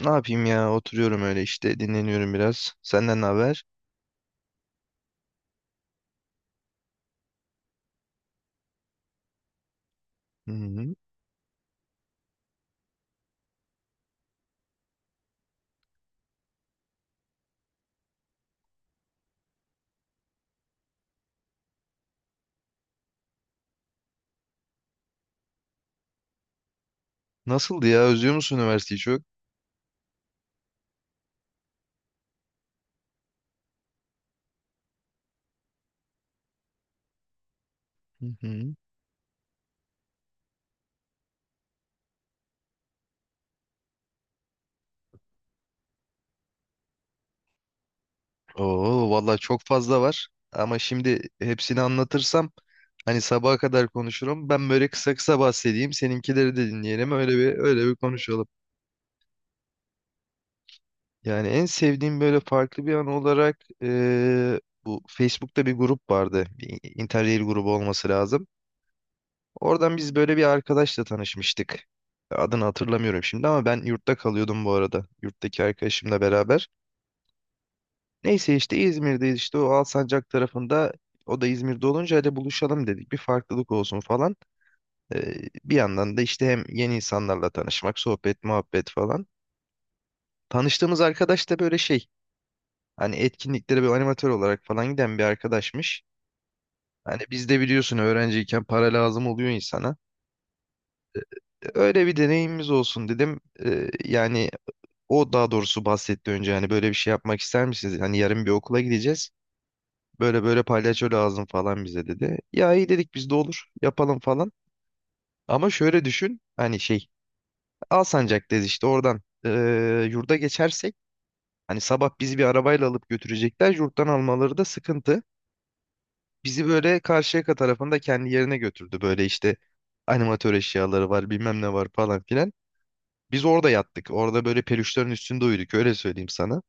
Ne yapayım ya? Oturuyorum öyle işte dinleniyorum biraz. Senden ne haber? Hı hı. Nasıldı ya? Özlüyor musun üniversiteyi çok? Hı hı. Oo vallahi çok fazla var. Ama şimdi hepsini anlatırsam hani sabaha kadar konuşurum. Ben böyle kısa kısa bahsedeyim. Seninkileri de dinleyelim. Öyle bir konuşalım. Yani en sevdiğim böyle farklı bir an olarak bu Facebook'ta bir grup vardı. Bir Interrail grubu olması lazım. Oradan biz böyle bir arkadaşla tanışmıştık. Adını hatırlamıyorum şimdi ama ben yurtta kalıyordum bu arada. Yurttaki arkadaşımla beraber. Neyse işte İzmir'deyiz işte o Alsancak tarafında. O da İzmir'de olunca hadi buluşalım dedik. Bir farklılık olsun falan. Ee, Bir yandan da işte hem yeni insanlarla tanışmak, sohbet, muhabbet falan. Tanıştığımız arkadaş da böyle şey. Hani etkinliklere bir animatör olarak falan giden bir arkadaşmış. Hani biz de biliyorsun öğrenciyken para lazım oluyor insana. Öyle bir deneyimimiz olsun dedim. Yani o daha doğrusu bahsetti önce, hani böyle bir şey yapmak ister misiniz? Hani yarın bir okula gideceğiz. Böyle böyle palyaço lazım falan bize dedi. Ya iyi dedik biz de, olur yapalım falan. Ama şöyle düşün, hani şey, Alsancak'tayız işte oradan yurda geçersek hani sabah bizi bir arabayla alıp götürecekler, yurttan almaları da sıkıntı. Bizi böyle Karşıyaka tarafında kendi yerine götürdü, böyle işte animatör eşyaları var bilmem ne var falan filan. Biz orada yattık, orada böyle peluşların üstünde uyuduk öyle söyleyeyim sana.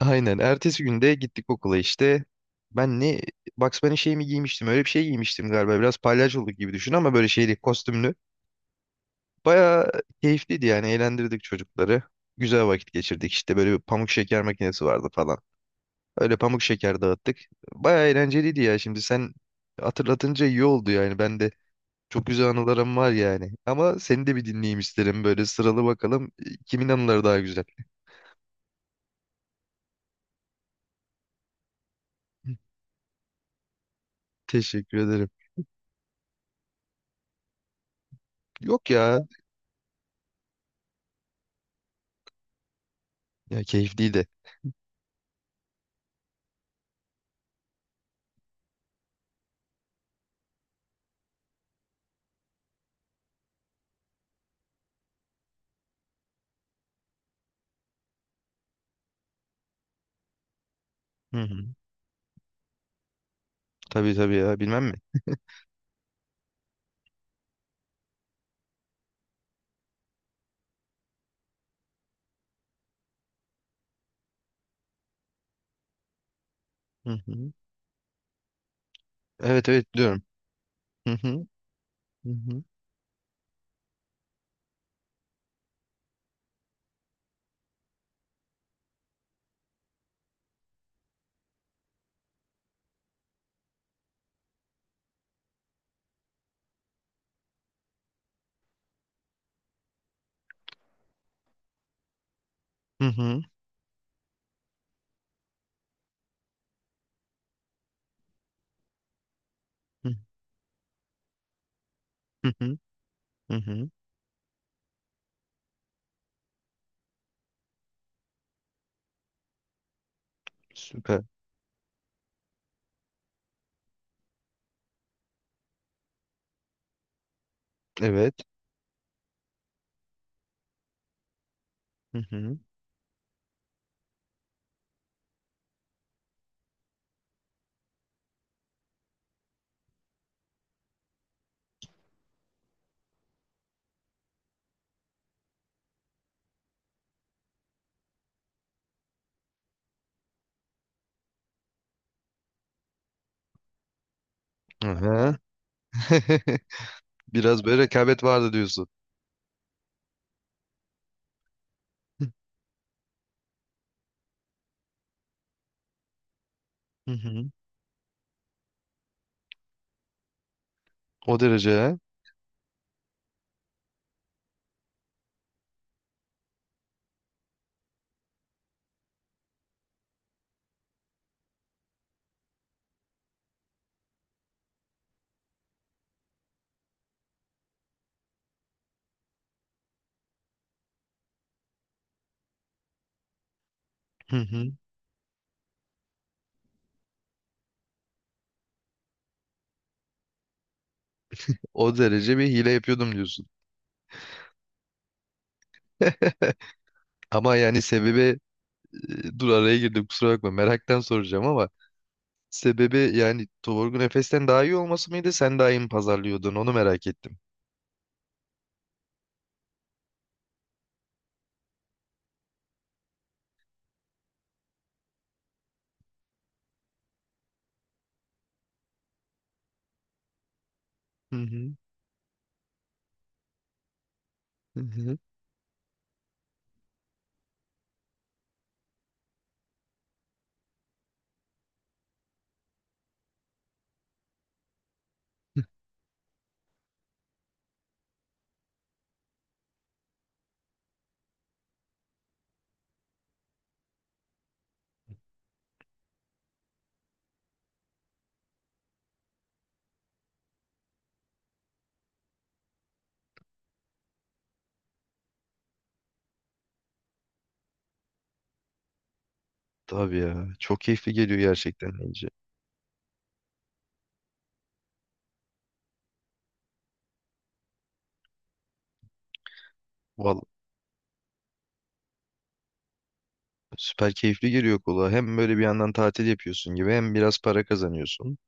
Aynen. Ertesi günde gittik okula işte. Ben ne Bugs Bunny şey mi giymiştim? Öyle bir şey giymiştim galiba. Biraz palyaçoluk gibi düşün ama böyle şeyli, kostümlü. Baya keyifliydi yani. Eğlendirdik çocukları. Güzel vakit geçirdik işte. Böyle bir pamuk şeker makinesi vardı falan. Öyle pamuk şeker dağıttık. Baya eğlenceliydi ya. Şimdi sen hatırlatınca iyi oldu yani. Ben de çok güzel anılarım var yani. Ama seni de bir dinleyeyim isterim. Böyle sıralı bakalım. Kimin anıları daha güzel? Teşekkür ederim. Yok ya. Ya keyifliydi. Hı hı. Tabii tabii ya, bilmem mi? Hı hı. Evet evet diyorum. Hı hı. Hı hı. Hı hı. Hı hı. Hı hı. Süper. Evet. Hı hı. Aha. Biraz böyle rekabet vardı diyorsun. Hı hı. O derece ha? Hı hı. O derece bir hile yapıyordum diyorsun. Ama yani sebebi, dur araya girdim kusura bakma, meraktan soracağım ama sebebi, yani Torgun Efes'ten daha iyi olması mıydı, sen daha iyi mi pazarlıyordun, onu merak ettim. Hı hı. Hı hı. Tabii ya. Çok keyifli geliyor gerçekten deyince. Vallahi süper keyifli geliyor kulağa. Hem böyle bir yandan tatil yapıyorsun gibi hem biraz para kazanıyorsun.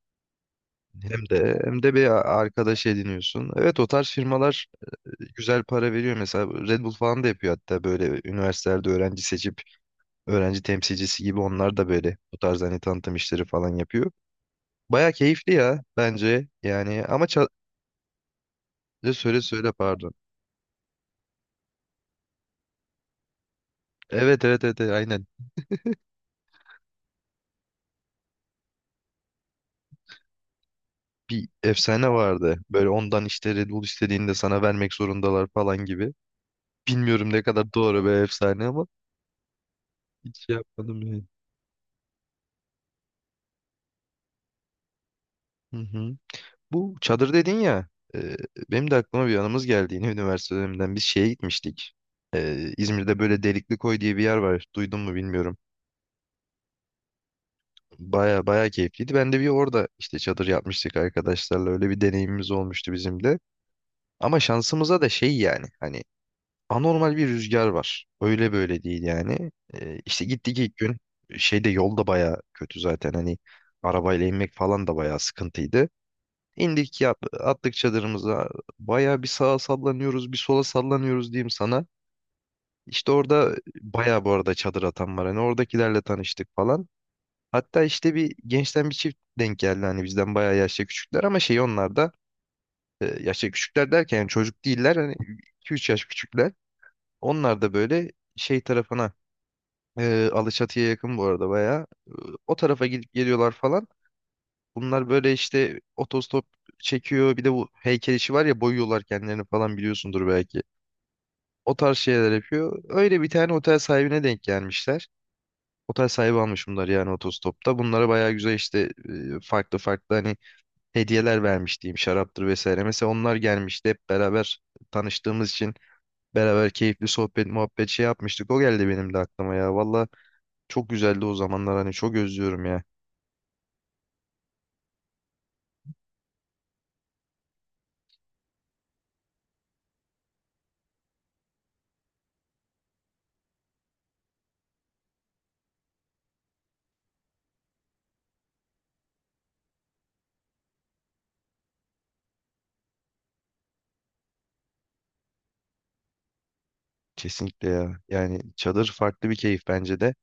Hem de bir arkadaş ediniyorsun. Evet, o tarz firmalar güzel para veriyor. Mesela Red Bull falan da yapıyor hatta, böyle üniversitelerde öğrenci seçip öğrenci temsilcisi gibi onlar da böyle bu tarz hani tanıtım işleri falan yapıyor. Baya keyifli ya bence. Yani ama söyle söyle pardon. Evet evet evet evet, aynen. Bir efsane vardı. Böyle ondan işte Red Bull istediğinde sana vermek zorundalar falan gibi. Bilmiyorum ne kadar doğru bir efsane ama hiç şey yapmadım yani. Hı hı. Bu çadır dedin ya. e, Benim de aklıma bir anımız geldi yine üniversite döneminden. Biz şeye gitmiştik. İzmir'de böyle Delikli Koy diye bir yer var. Duydun mu bilmiyorum. Baya baya keyifliydi. Ben de bir orada işte çadır yapmıştık arkadaşlarla. Öyle bir deneyimimiz olmuştu bizim de. Ama şansımıza da şey yani. Hani anormal bir rüzgar var. Öyle böyle değil yani. İşte gittik ilk gün şeyde, yol da baya kötü zaten hani, arabayla inmek falan da baya sıkıntıydı. İndik yat, attık çadırımıza, baya bir sağa sallanıyoruz bir sola sallanıyoruz diyeyim sana. İşte orada baya, bu arada çadır atan var hani, oradakilerle tanıştık falan. Hatta işte bir gençten bir çift denk geldi, hani bizden baya yaşça küçükler ama şey onlar da, yaşça küçükler derken yani çocuk değiller hani, iki üç yaş küçükler. Onlar da böyle şey tarafına, Alaçatı'ya yakın bu arada bayağı. E, O tarafa gidip geliyorlar falan. Bunlar böyle işte otostop çekiyor. Bir de bu heykel işi var ya, boyuyorlar kendilerini falan, biliyorsundur belki. O tarz şeyler yapıyor. Öyle bir tane otel sahibine denk gelmişler. Otel sahibi almış bunlar yani otostopta. Bunlara bayağı güzel işte farklı farklı hani hediyeler vermiş diyeyim, şaraptır vesaire. Mesela onlar gelmişti hep beraber, tanıştığımız için beraber keyifli sohbet muhabbet şey yapmıştık. O geldi benim de aklıma ya. Valla çok güzeldi o zamanlar, hani çok özlüyorum ya. Kesinlikle ya. Yani çadır farklı bir keyif bence de.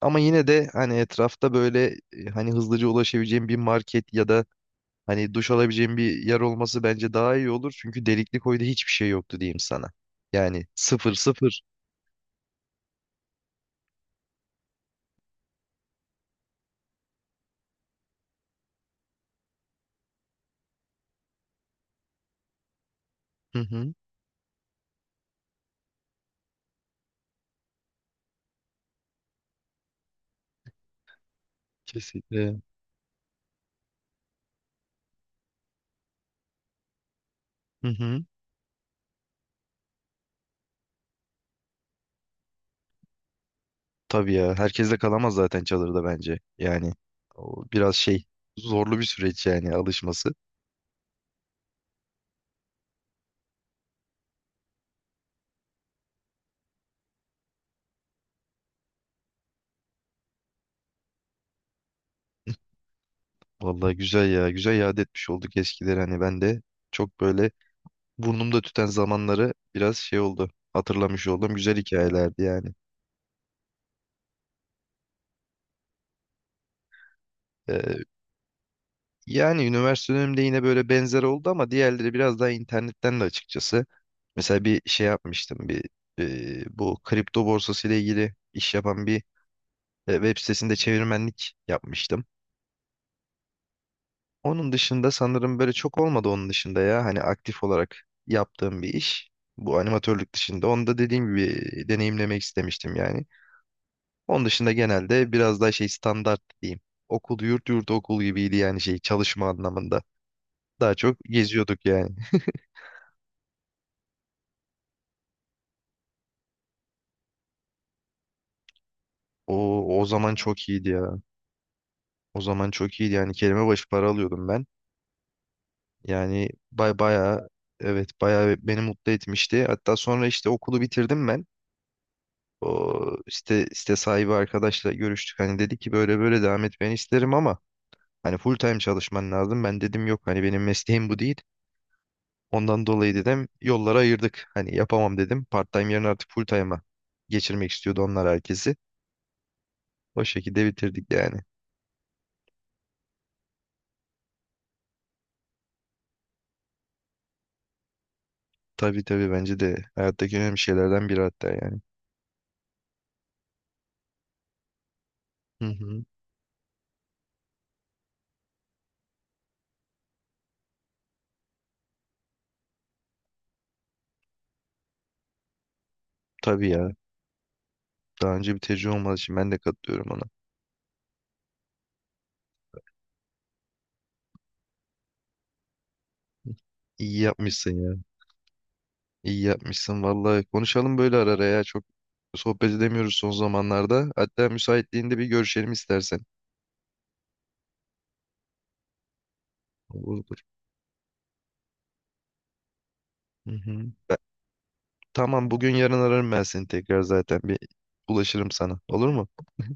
Ama yine de hani etrafta böyle hani hızlıca ulaşabileceğim bir market ya da hani duş alabileceğim bir yer olması bence daha iyi olur. Çünkü delikli koyda hiçbir şey yoktu diyeyim sana. Yani sıfır sıfır. Hı hı. Kesinlikle. Hı hı. Tabii ya. Herkes de kalamaz zaten çadırda bence. Yani o biraz şey, zorlu bir süreç yani alışması. Vallahi güzel ya. Güzel yad etmiş olduk eskileri, hani ben de çok böyle, burnumda tüten zamanları biraz şey oldu. Hatırlamış oldum. Güzel hikayelerdi yani. Ee, Yani üniversite dönemimde yine böyle benzer oldu ama diğerleri biraz daha internetten de açıkçası. Mesela bir şey yapmıştım. Bir bu kripto borsası ile ilgili iş yapan bir web sitesinde çevirmenlik yapmıştım. Onun dışında sanırım böyle çok olmadı onun dışında ya. Hani aktif olarak yaptığım bir iş. Bu animatörlük dışında. Onu da dediğim gibi deneyimlemek istemiştim yani. Onun dışında genelde biraz daha şey, standart diyeyim. Okul yurt yurt okul gibiydi yani şey çalışma anlamında. Daha çok geziyorduk yani. O o zaman çok iyiydi ya. O zaman çok iyiydi yani, kelime başı para alıyordum ben. Yani bayağı, evet bayağı beni mutlu etmişti. Hatta sonra işte okulu bitirdim ben. O site sahibi arkadaşla görüştük. Hani dedi ki böyle böyle devam etmeni isterim ama hani full time çalışman lazım. Ben dedim yok hani benim mesleğim bu değil. Ondan dolayı dedim yollara ayırdık. Hani yapamam dedim. Part-time yerine artık full-time'a geçirmek istiyordu onlar herkesi. O şekilde bitirdik yani. Tabii tabii bence de hayattaki önemli şeylerden biri hatta yani. Hı hı. Tabii ya. Daha önce bir tecrübe olmadığı için ben de katılıyorum ona. İyi yapmışsın ya. İyi yapmışsın vallahi. Konuşalım böyle ara ara ya. Çok sohbet edemiyoruz son zamanlarda. Hatta müsaitliğinde bir görüşelim istersen. Olur. Hı hı. Tamam, bugün yarın ararım ben seni tekrar zaten. Bir ulaşırım sana. Olur mu?